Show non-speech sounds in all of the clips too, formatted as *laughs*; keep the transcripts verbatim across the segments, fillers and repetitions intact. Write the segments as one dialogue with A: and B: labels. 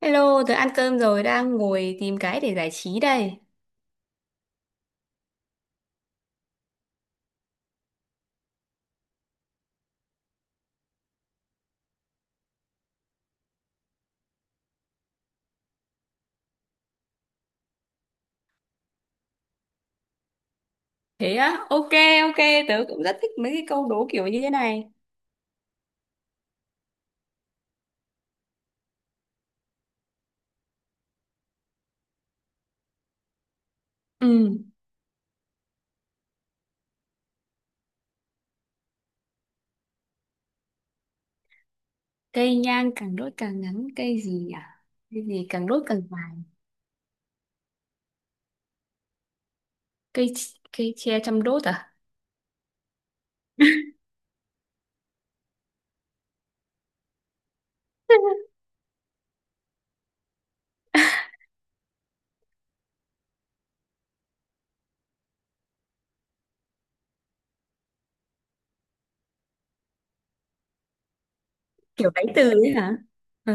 A: Hello, tớ ăn cơm rồi, đang ngồi tìm cái để giải trí đây. Thế á, ok, ok, tớ cũng rất thích mấy cái câu đố kiểu như thế này. Ừ, cây nhang càng đốt càng ngắn, cây gì nhỉ? Cây gì càng đốt càng dài? Cây ch- cây tre chăm đốt à? *laughs* Kiểu đáy từ ấy hả? Ừ.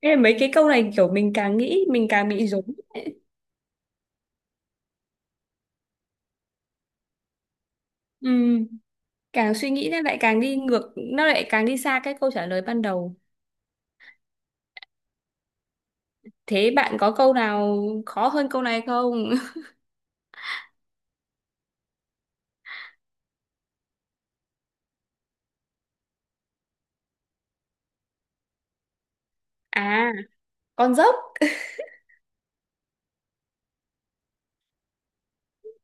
A: Ê, mấy cái câu này kiểu mình càng nghĩ mình càng bị rối. Ấy. Ừ, càng suy nghĩ nó lại càng đi ngược, nó lại càng đi xa cái câu trả lời ban đầu. Thế bạn có câu nào khó hơn câu này không? *laughs* À, con dốc.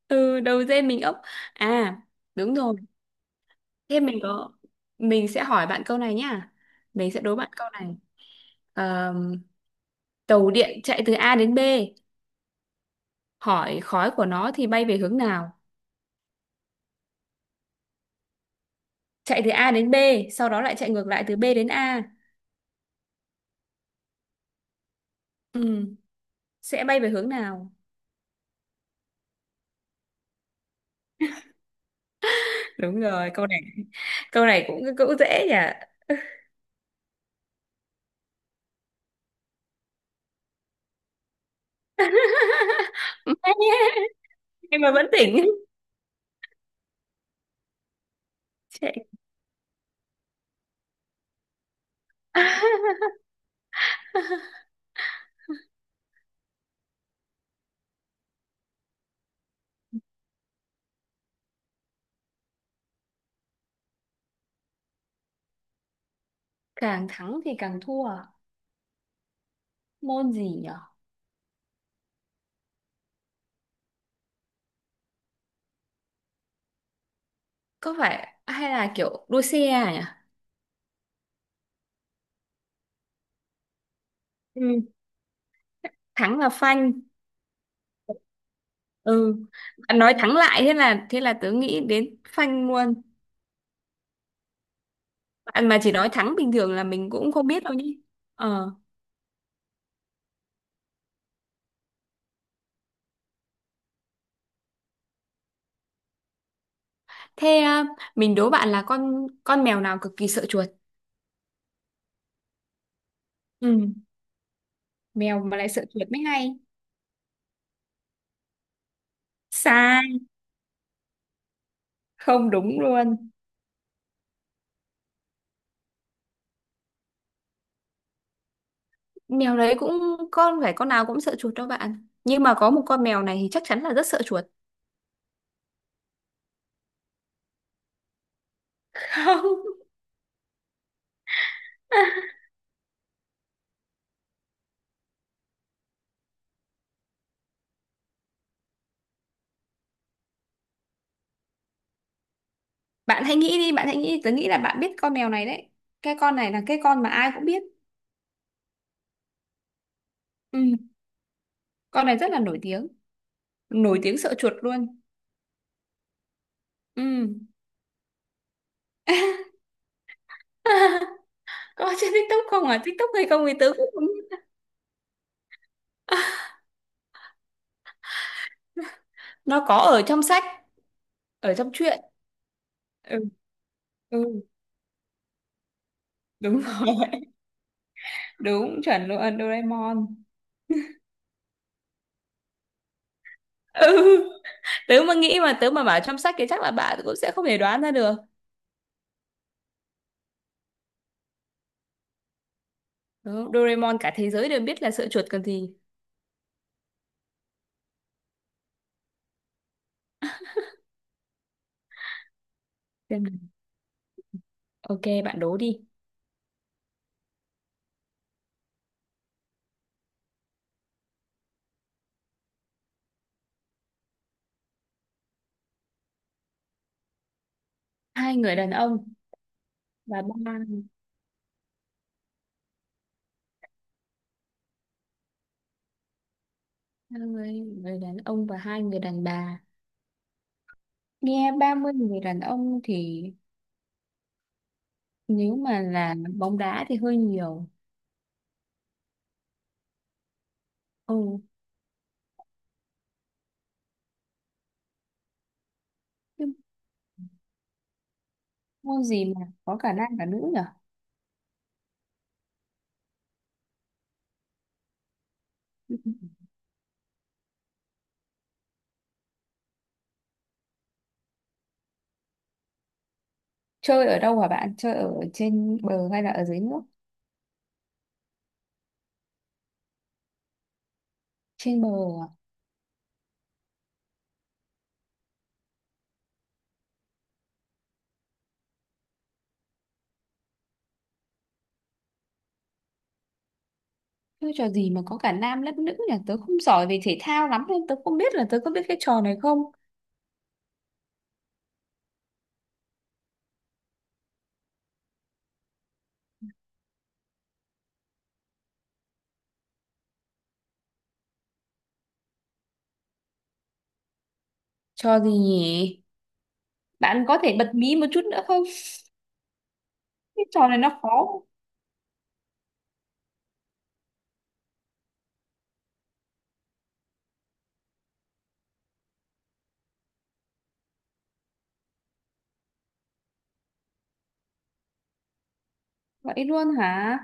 A: Ừ, đầu dê mình ốc. À, đúng rồi, thế mình có, mình sẽ hỏi bạn câu này nhá, mình sẽ đố bạn câu này. Ờm, tàu điện chạy từ A đến B, hỏi khói của nó thì bay về hướng nào? Chạy từ A đến B, sau đó lại chạy ngược lại từ B đến A. Ừ, sẽ bay về hướng nào. Đúng rồi, câu này câu này cũng cũng dễ nhỉ. *laughs* Em mà vẫn tỉnh. Chạy. Càng thắng thì càng thua. Môn gì nhỉ? Có phải hay là kiểu đua xe à nhỉ? Ừ. Thắng là phanh. Ừ, bạn nói thắng lại, thế là thế là tớ nghĩ đến phanh luôn. Bạn mà chỉ nói thắng bình thường là mình cũng không biết đâu nhỉ. Ờ, thế à, mình đố bạn là con con mèo nào cực kỳ sợ chuột. Ừ, mèo mà lại sợ chuột mới hay. Sai. Không đúng luôn. Mèo đấy cũng, con phải con nào cũng sợ chuột đâu bạn, nhưng mà có một con mèo này thì chắc chắn là rất sợ chuột. *laughs* Không. Bạn hãy nghĩ đi, bạn hãy nghĩ đi. Tớ nghĩ là bạn biết con mèo này đấy. Cái con này là cái con mà ai cũng biết. Ừ, con này rất là nổi tiếng. Nổi tiếng sợ chuột luôn. Ừ. *laughs* Có trên TikTok không à? TikTok hay không thì tớ cũng không biết. Nó có ở trong sách, ở trong truyện. Ừ, ừ, đúng rồi. *laughs* Đúng, chuẩn luôn, Doraemon. Ừ, *laughs* tớ mà nghĩ mà tớ mà bảo trong sách thì chắc là bạn cũng sẽ không thể đoán ra được. Đúng, Doraemon cả thế giới đều biết là sợ chuột còn gì. Xem nào. Ok, bạn đố đi. Hai người đàn ông và ba hai người đàn ông và hai người đàn bà, nghe ba mươi người đàn ông thì nếu mà là bóng đá thì hơi nhiều. Ừ, nhưng môn gì mà có cả nam cả nữ nhở? Chơi ở đâu hả bạn, chơi ở trên bờ hay là ở dưới nước? Trên bờ à? Chơi trò gì mà có cả nam lẫn nữ nhỉ, tớ không giỏi về thể thao lắm nên tớ không biết là tớ có biết cái trò này không. Trò gì nhỉ? Bạn có thể bật mí một chút nữa không? Cái trò này nó khó. Vậy luôn hả?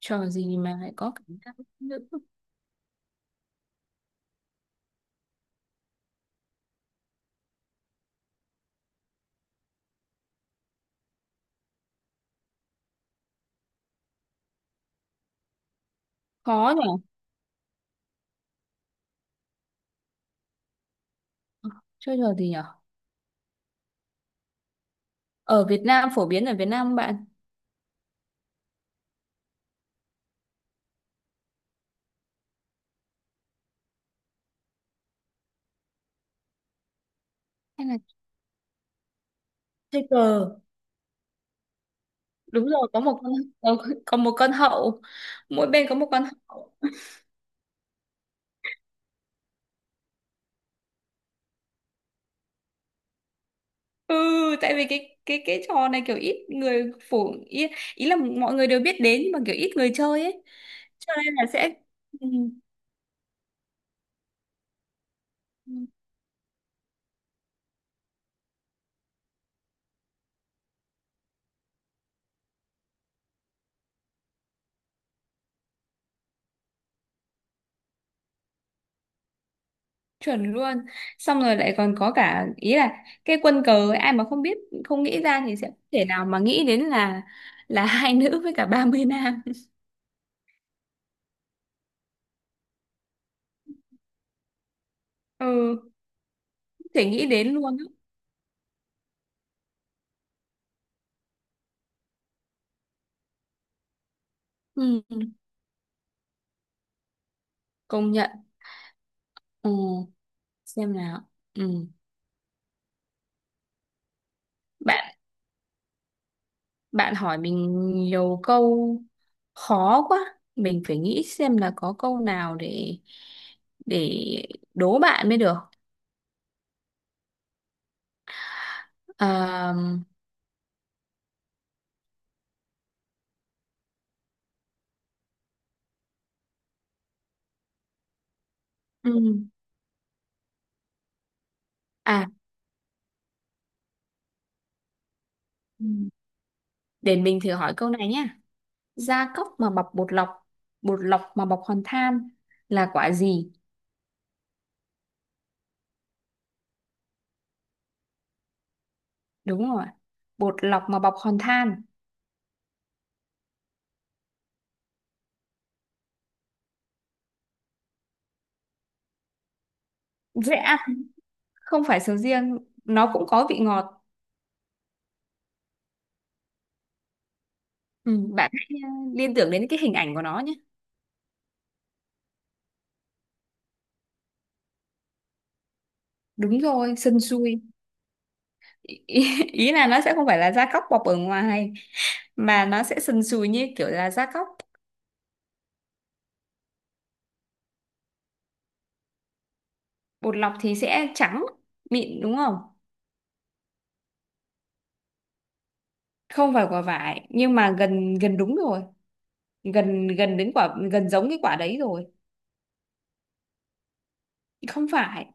A: Trò gì mà lại có cảm giác nữ? Khó nhỉ? Chơi trò gì nhỉ? Ở Việt Nam, phổ biến ở Việt Nam không bạn? Hay là chơi cờ? Đúng rồi, có một con. *laughs* có, có một con hậu, mỗi bên có một con hậu. Ừ, tại vì cái cái cái trò này kiểu ít người phổ ý, ý là mọi người đều biết đến nhưng mà kiểu ít người chơi ấy, cho nên là sẽ ừ. Chuẩn luôn. Xong rồi lại còn có cả ý là cái quân cờ ấy, ai mà không biết, không nghĩ ra thì sẽ không thể nào mà nghĩ đến là là *laughs* hai nữ với cả ba mươi nam. Ừ, không thể nghĩ đến luôn á. Ừ, công nhận. Ừ, xem nào. Ừ. bạn bạn hỏi mình nhiều câu khó quá, mình phải nghĩ xem là có câu nào để để đố bạn mới được. Ờ, ừ. À, ừ. Để mình thử hỏi câu này nhé. Gia cốc mà bọc bột lọc, bột lọc mà bọc hòn than, là quả gì? Đúng rồi, bột lọc mà bọc hòn than. Dễ ăn. Không phải sầu riêng. Nó cũng có vị ngọt. Ừ, bạn hãy uh, liên tưởng đến cái hình ảnh của nó nhé. Đúng rồi, sần sùi. Ý, ý ý là nó sẽ không phải là gia cốc bọc ở ngoài, mà nó sẽ sần sùi như kiểu là gia cốc. Bột lọc thì sẽ trắng mịn đúng không? Không phải quả vải nhưng mà gần gần đúng rồi. Gần gần đến quả, gần giống cái quả đấy rồi. Không phải.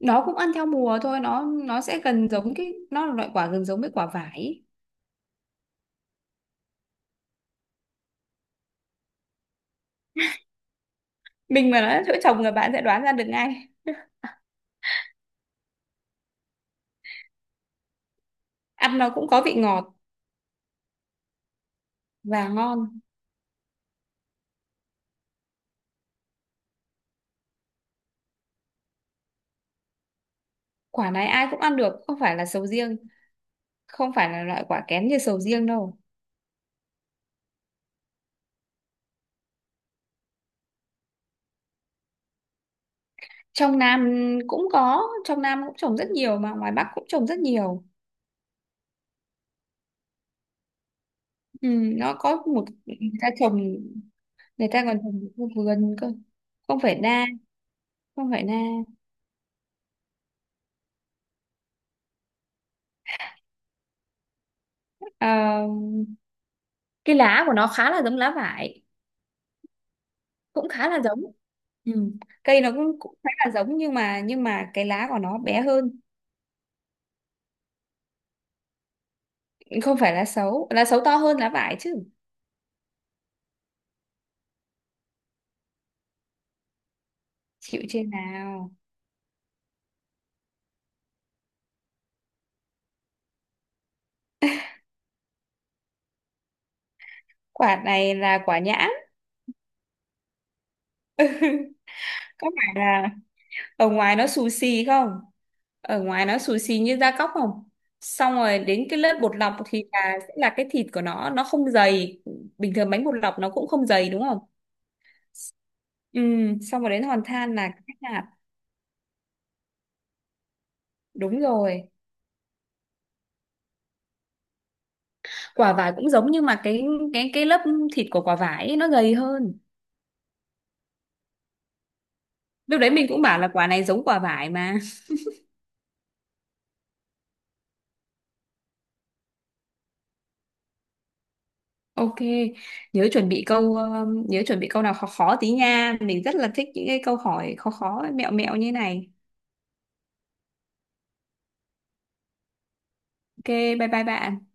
A: Nó cũng ăn theo mùa thôi, nó nó sẽ gần giống, cái nó là loại quả gần giống với quả vải ý. Mình mà nói là chỗ trồng người bạn sẽ đoán ra được ngay. Ăn nó cũng có vị ngọt và ngon. Quả này ai cũng ăn được, không phải là sầu riêng. Không phải là loại quả kén như sầu riêng đâu. Trong Nam cũng có, trong Nam cũng trồng rất nhiều mà ngoài Bắc cũng trồng rất nhiều. Ừ, nó có một người ta trồng, người ta còn trồng ở vườn cơ. Không phải na. Không phải na. Ờ, cái lá của nó khá là giống lá vải. Cũng khá là giống. Ừ. Cây nó cũng cũng khá là giống nhưng mà nhưng mà cái lá của nó bé hơn. Không phải lá sấu, lá sấu to hơn lá vải chứ. Chịu trên nào. Quả này là quả nhãn. Có phải là ở ngoài nó xù xì không? Ở ngoài nó xù xì như da cóc không? Xong rồi đến cái lớp bột lọc thì là sẽ là cái thịt của nó nó không dày. Bình thường bánh bột lọc nó cũng không dày đúng không? Ừ, xong rồi đến hòn than là cái hạt. Đúng rồi. Quả vải cũng giống nhưng mà cái cái cái lớp thịt của quả vải ấy, nó gầy hơn. Lúc đấy mình cũng bảo là quả này giống quả vải mà. *laughs* Ok. Nhớ chuẩn bị câu um, nhớ chuẩn bị câu nào khó khó tí nha, mình rất là thích những cái câu hỏi khó khó mẹo mẹo như này. Ok, bye bye bạn.